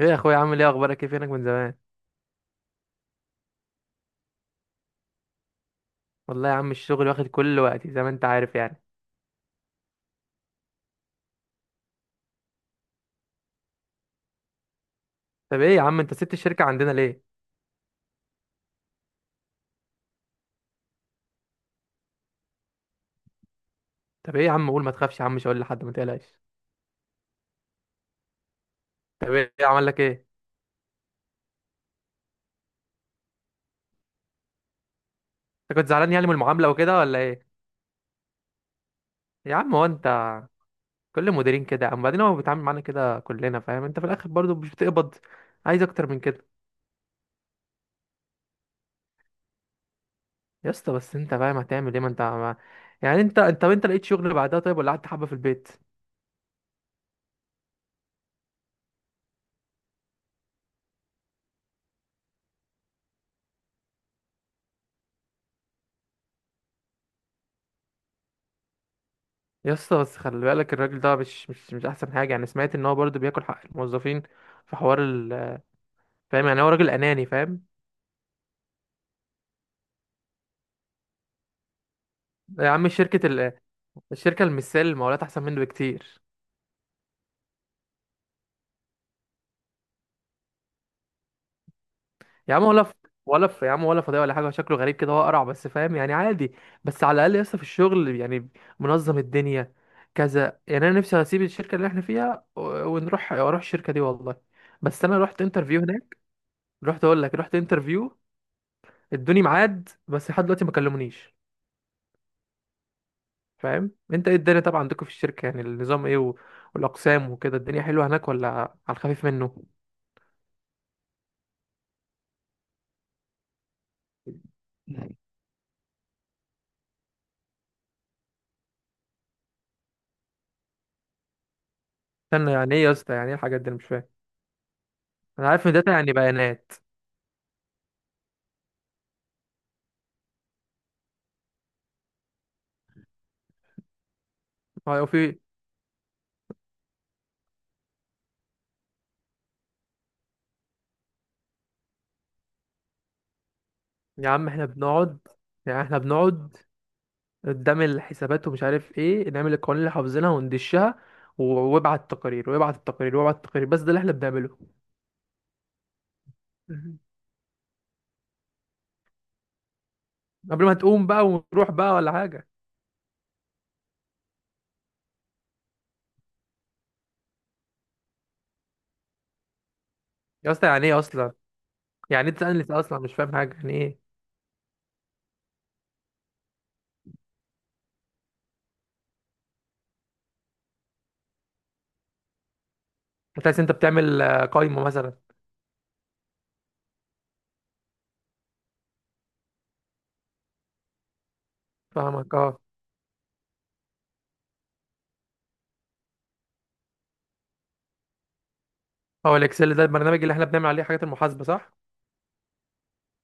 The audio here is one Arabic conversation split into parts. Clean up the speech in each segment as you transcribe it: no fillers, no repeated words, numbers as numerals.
ايه يا اخويا عامل ايه؟ اخبارك ايه؟ فينك من زمان؟ والله يا عم الشغل واخد كل وقتي زي ما انت عارف يعني. طب ايه يا عم انت سبت الشركه عندنا ليه؟ طب ايه يا عم، قول ما تخافش يا عم، مش هقول لحد، ما تقلقش. طب ايه عمل لك ايه؟ انت كنت زعلان يعني من المعامله وكده ولا ايه؟ يا عم هو انت، كل مديرين كده، اما بعدين هو بيتعامل معانا كده كلنا، فاهم؟ انت في الاخر برضو مش بتقبض، عايز اكتر من كده؟ يا اسطى بس انت فاهم هتعمل ايه؟ ما انت ما... يعني انت لقيت شغل بعدها طيب، ولا قعدت حبه في البيت؟ يا اسطى بس خلي بالك، الراجل ده مش احسن حاجه يعني، سمعت ان هو برضه بياكل حق الموظفين، في حوار ال فاهم يعني؟ هو راجل اناني، فاهم؟ يا عم شركه ال... الشركه المثال المقاولات احسن منه بكتير. يا عم يا عم ولا فضيه ولا حاجه، شكله غريب كده، هو قرع بس، فاهم يعني، عادي. بس على الاقل يا اسطى في الشغل يعني منظم الدنيا كذا يعني، انا نفسي اسيب الشركه اللي احنا فيها ونروح الشركه دي والله. بس انا رحت انترفيو هناك، رحت اقول لك، رحت انترفيو، ادوني ميعاد بس لحد دلوقتي ما كلمونيش. فاهم انت؟ ايه الدنيا طبعا عندكم في الشركة يعني؟ النظام ايه والاقسام وكده؟ الدنيا حلوة هناك ولا على الخفيف منه؟ استنى، يعني ايه يا اسطى؟ يعني ايه الحاجات دي؟ انا مش فاهم. انا عارف ان داتا يعني بيانات. اه، في. يا عم احنا بنقعد، يعني احنا بنقعد قدام الحسابات ومش عارف ايه، نعمل القوانين اللي حافظينها وندشها، وابعت التقارير وابعت التقارير وابعت التقارير، بس ده اللي احنا بنعمله. مهم. قبل ما تقوم بقى ونروح بقى ولا حاجة؟ يا اسطى يعني ايه اصلا؟ يعني انت، انا لسه اصلا مش فاهم حاجة، يعني ايه؟ هتحس انت بتعمل قايمة مثلا؟ فاهمك اه. هو الاكسل ده البرنامج اللي احنا بنعمل عليه حاجات المحاسبه صح؟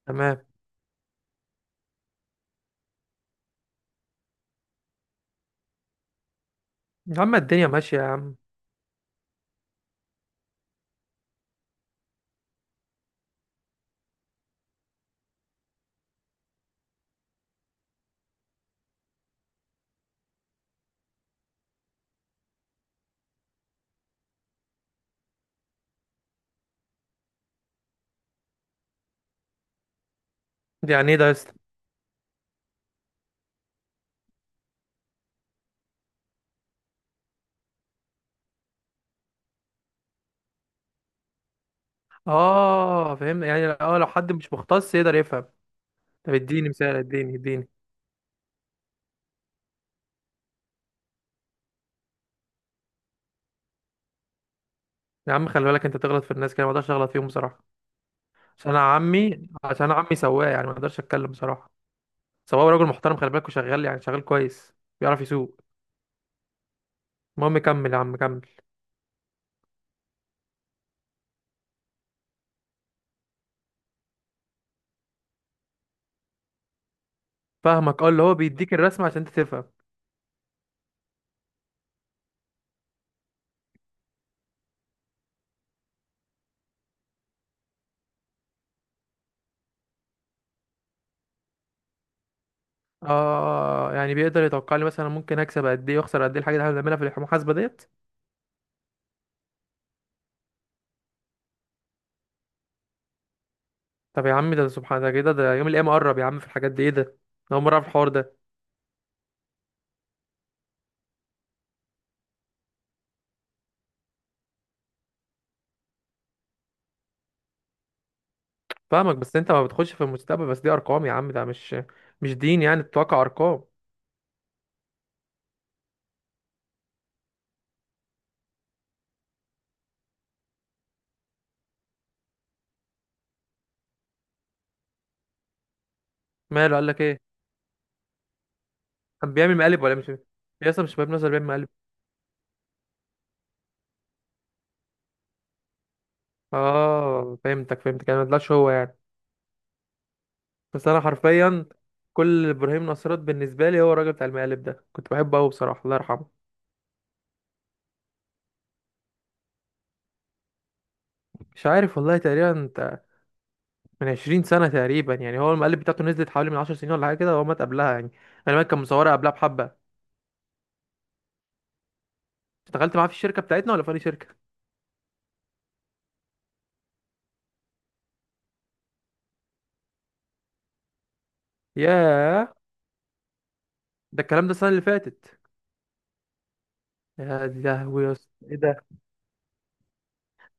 تمام. يا عم الدنيا ماشيه يا عم. دي يعني ايه ده يا اسطى؟ اه فهمت، يعني اه لو حد مش مختص يقدر يفهم. طب اديني مثال، اديني اديني. يا عم خلي بالك، انت تغلط في الناس كده، ما اقدرش اغلط فيهم بصراحه، عشان انا عمي، عشان انا عمي سواق يعني، ما اقدرش اتكلم بصراحه. سواق راجل محترم خلي بالك، وشغال يعني شغال كويس، بيعرف يسوق. المهم كمل يا عم، كمل. فاهمك اه، اللي هو بيديك الرسمه عشان انت تفهم. اه، يعني بيقدر يتوقع لي مثلا ممكن اكسب قد ايه واخسر قد ايه، الحاجه اللي احنا بنعملها في المحاسبه ديت؟ طب يا عم ده سبحان، ده كده ده يوم القيامة قرب يا عم في الحاجات دي، ايه ده؟ أنا أول مرة أعرف الحوار ده. فاهمك، بس أنت ما بتخش في المستقبل، بس دي أرقام يا عم، ده مش دين يعني، الواقع أرقام. ماله؟ قال لك إيه؟ كان بيعمل مقالب ولا مش؟ يا اسطى مش بيعمل نظر، بيعمل مقالب. آه فهمتك فهمتك، أنا ما طلعش هو يعني. بس أنا حرفيا، كل إبراهيم نصرات بالنسبة لي هو الراجل بتاع المقالب ده، كنت بحبه أوي بصراحة، الله يرحمه. مش عارف والله، تقريبا أنت، من 20 سنة تقريبا يعني، هو المقالب بتاعته نزلت حوالي من 10 سنين ولا حاجة كده، هو مات قبلها يعني، أنا كان مصورها قبلها بحبة. اشتغلت معاه في الشركة بتاعتنا ولا في أي شركة؟ ياه، ده الكلام ده السنة اللي فاتت؟ يا دي لهوي يا اسطى، ايه ده؟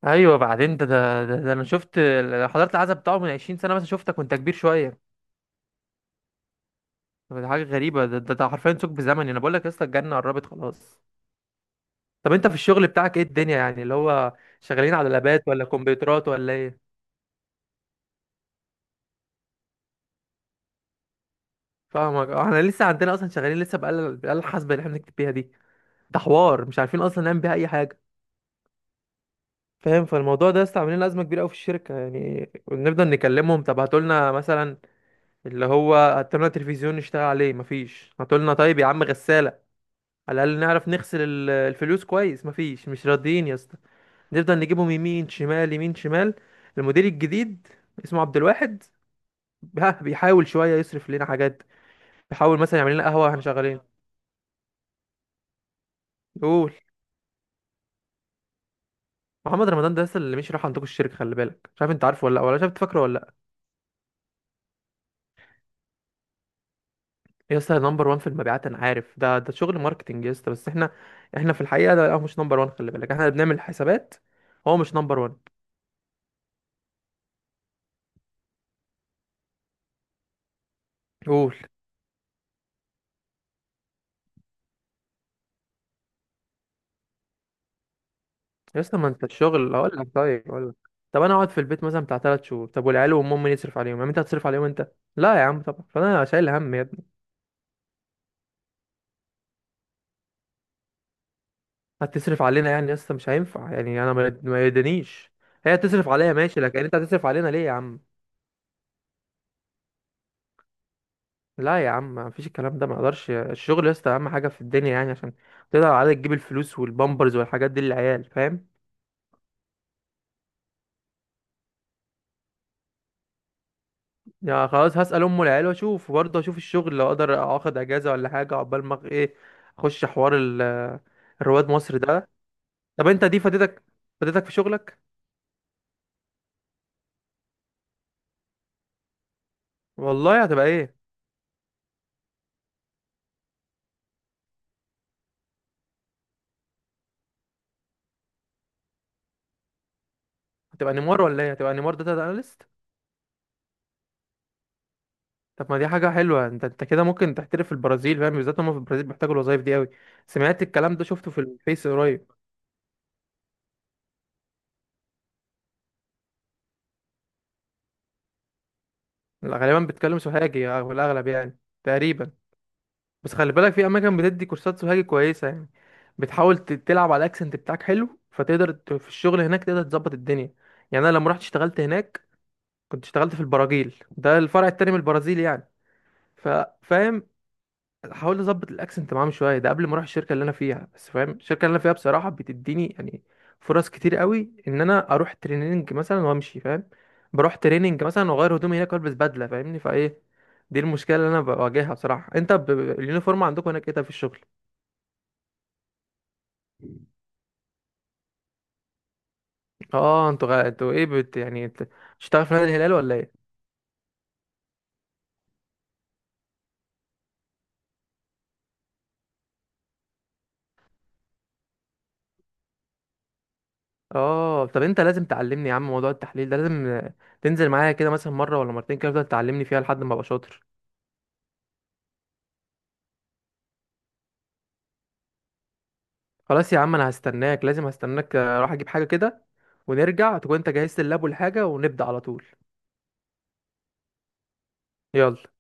ايوه بعدين ده انا شفت حضرت العزا بتاعه من 20 سنة مثلا، شفتك وانت كبير شوية. ده حاجة غريبة، ده حرفيا ثقب بزمني، انا بقول لك يا اسطى الجنة قربت خلاص. طب انت في الشغل بتاعك ايه الدنيا يعني، اللي هو شغالين على لابات ولا كمبيوترات ولا ايه؟ فاهمك اه، احنا لسه عندنا اصلا شغالين لسه بآلة الآلة الحاسبة اللي احنا بنكتب بيها دي، ده حوار مش عارفين اصلا نعمل بيها اي حاجة، فاهم؟ فالموضوع ده لسه عاملين ازمه كبيره قوي في الشركه يعني، بنفضل نكلمهم، طب هاتوا لنا مثلا، اللي هو هاتوا لنا تلفزيون نشتغل عليه، مفيش. هاتوا لنا طيب يا عم غساله على الاقل نعرف نغسل الفلوس كويس، مفيش، مش راضيين يا اسطى. نفضل نجيبهم يمين شمال يمين شمال. المدير الجديد اسمه عبد الواحد، ها بيحاول شويه يصرف لنا حاجات، بيحاول مثلا يعمل لنا قهوه واحنا شغالين. قول. محمد رمضان ده لسه اللي مش راح عندكم الشركه، خلي بالك، مش عارف انت عارفه ولا لأ، ولا شايف فاكره ولا لأ. يا اسطى نمبر 1 في المبيعات انا عارف ده، ده شغل ماركتنج يا اسطى، بس احنا، احنا في الحقيقه ده هو مش نمبر 1، خلي بالك احنا اللي بنعمل حسابات، هو مش نمبر 1. قول. يا اسطى ما انت الشغل، هقول لك، طيب هقول لك. طب انا اقعد في البيت مثلا بتاع 3 شهور، طب والعيال وامهم مين يصرف عليهم يعني؟ انت هتصرف عليهم؟ انت لا يا عم طبعا، فانا شايل هم يا ابني. هتصرف علينا يعني يا اسطى؟ مش هينفع يعني، انا ما يدنيش، هي تصرف عليا ماشي، لكن انت هتصرف علينا ليه يا عم؟ لا يا عم ما فيش الكلام ده، ما اقدرش. الشغل يا اسطى اهم حاجه في الدنيا يعني، عشان تقدر على تجيب الفلوس والبامبرز والحاجات دي للعيال، فاهم؟ يا خلاص هسال ام العيال واشوف، وبرضه اشوف الشغل لو اقدر اخد اجازه ولا حاجه عقبال ما ايه، اخش حوار الرواد مصر ده. طب انت دي فاتتك، فاتتك في شغلك؟ والله هتبقى ايه؟ هتبقى نيمار ولا ايه؟ هتبقى نيمار داتا اناليست؟ طب ما دي حاجه حلوه، انت انت كده ممكن تحترف في البرازيل، فاهم؟ بالذات هم في البرازيل بيحتاجوا الوظايف دي قوي، سمعت الكلام ده، شفته في الفيس قريب. لا، غالبا بتكلم سوهاجي في الاغلب يعني، تقريبا. بس خلي بالك في اماكن بتدي كورسات سوهاجي كويسه يعني، بتحاول تلعب على الاكسنت بتاعك حلو، فتقدر في الشغل هناك تقدر تظبط الدنيا. يعني انا لما رحت اشتغلت هناك، كنت اشتغلت في البراجيل، ده الفرع التاني من البرازيل يعني، ف- فاهم. هحاول اظبط الاكسنت معاهم شويه ده قبل ما اروح الشركه اللي انا فيها، بس فاهم الشركه اللي انا فيها بصراحه بتديني يعني فرص كتير قوي ان انا اروح تريننج مثلا وامشي، فاهم؟ بروح تريننج مثلا واغير هدومي هناك والبس بدله، فاهمني؟ فايه دي المشكله اللي انا بواجهها بصراحه. انت اليونيفورم عندكم هناك ايه ده في الشغل؟ اه انتوا غ... انتوا ايه بت... يعني بت... بتشتغل في نادي الهلال ولا ايه؟ اه طب انت لازم تعلمني يا عم، موضوع التحليل ده لازم تنزل معايا كده مثلا مره ولا مرتين كده، تفضل تعلمني فيها لحد ما ابقى شاطر. خلاص يا عم انا هستناك، لازم هستناك، اروح اجيب حاجة كده ونرجع تكون انت جهزت اللاب والحاجة ونبدأ على طول. يلا.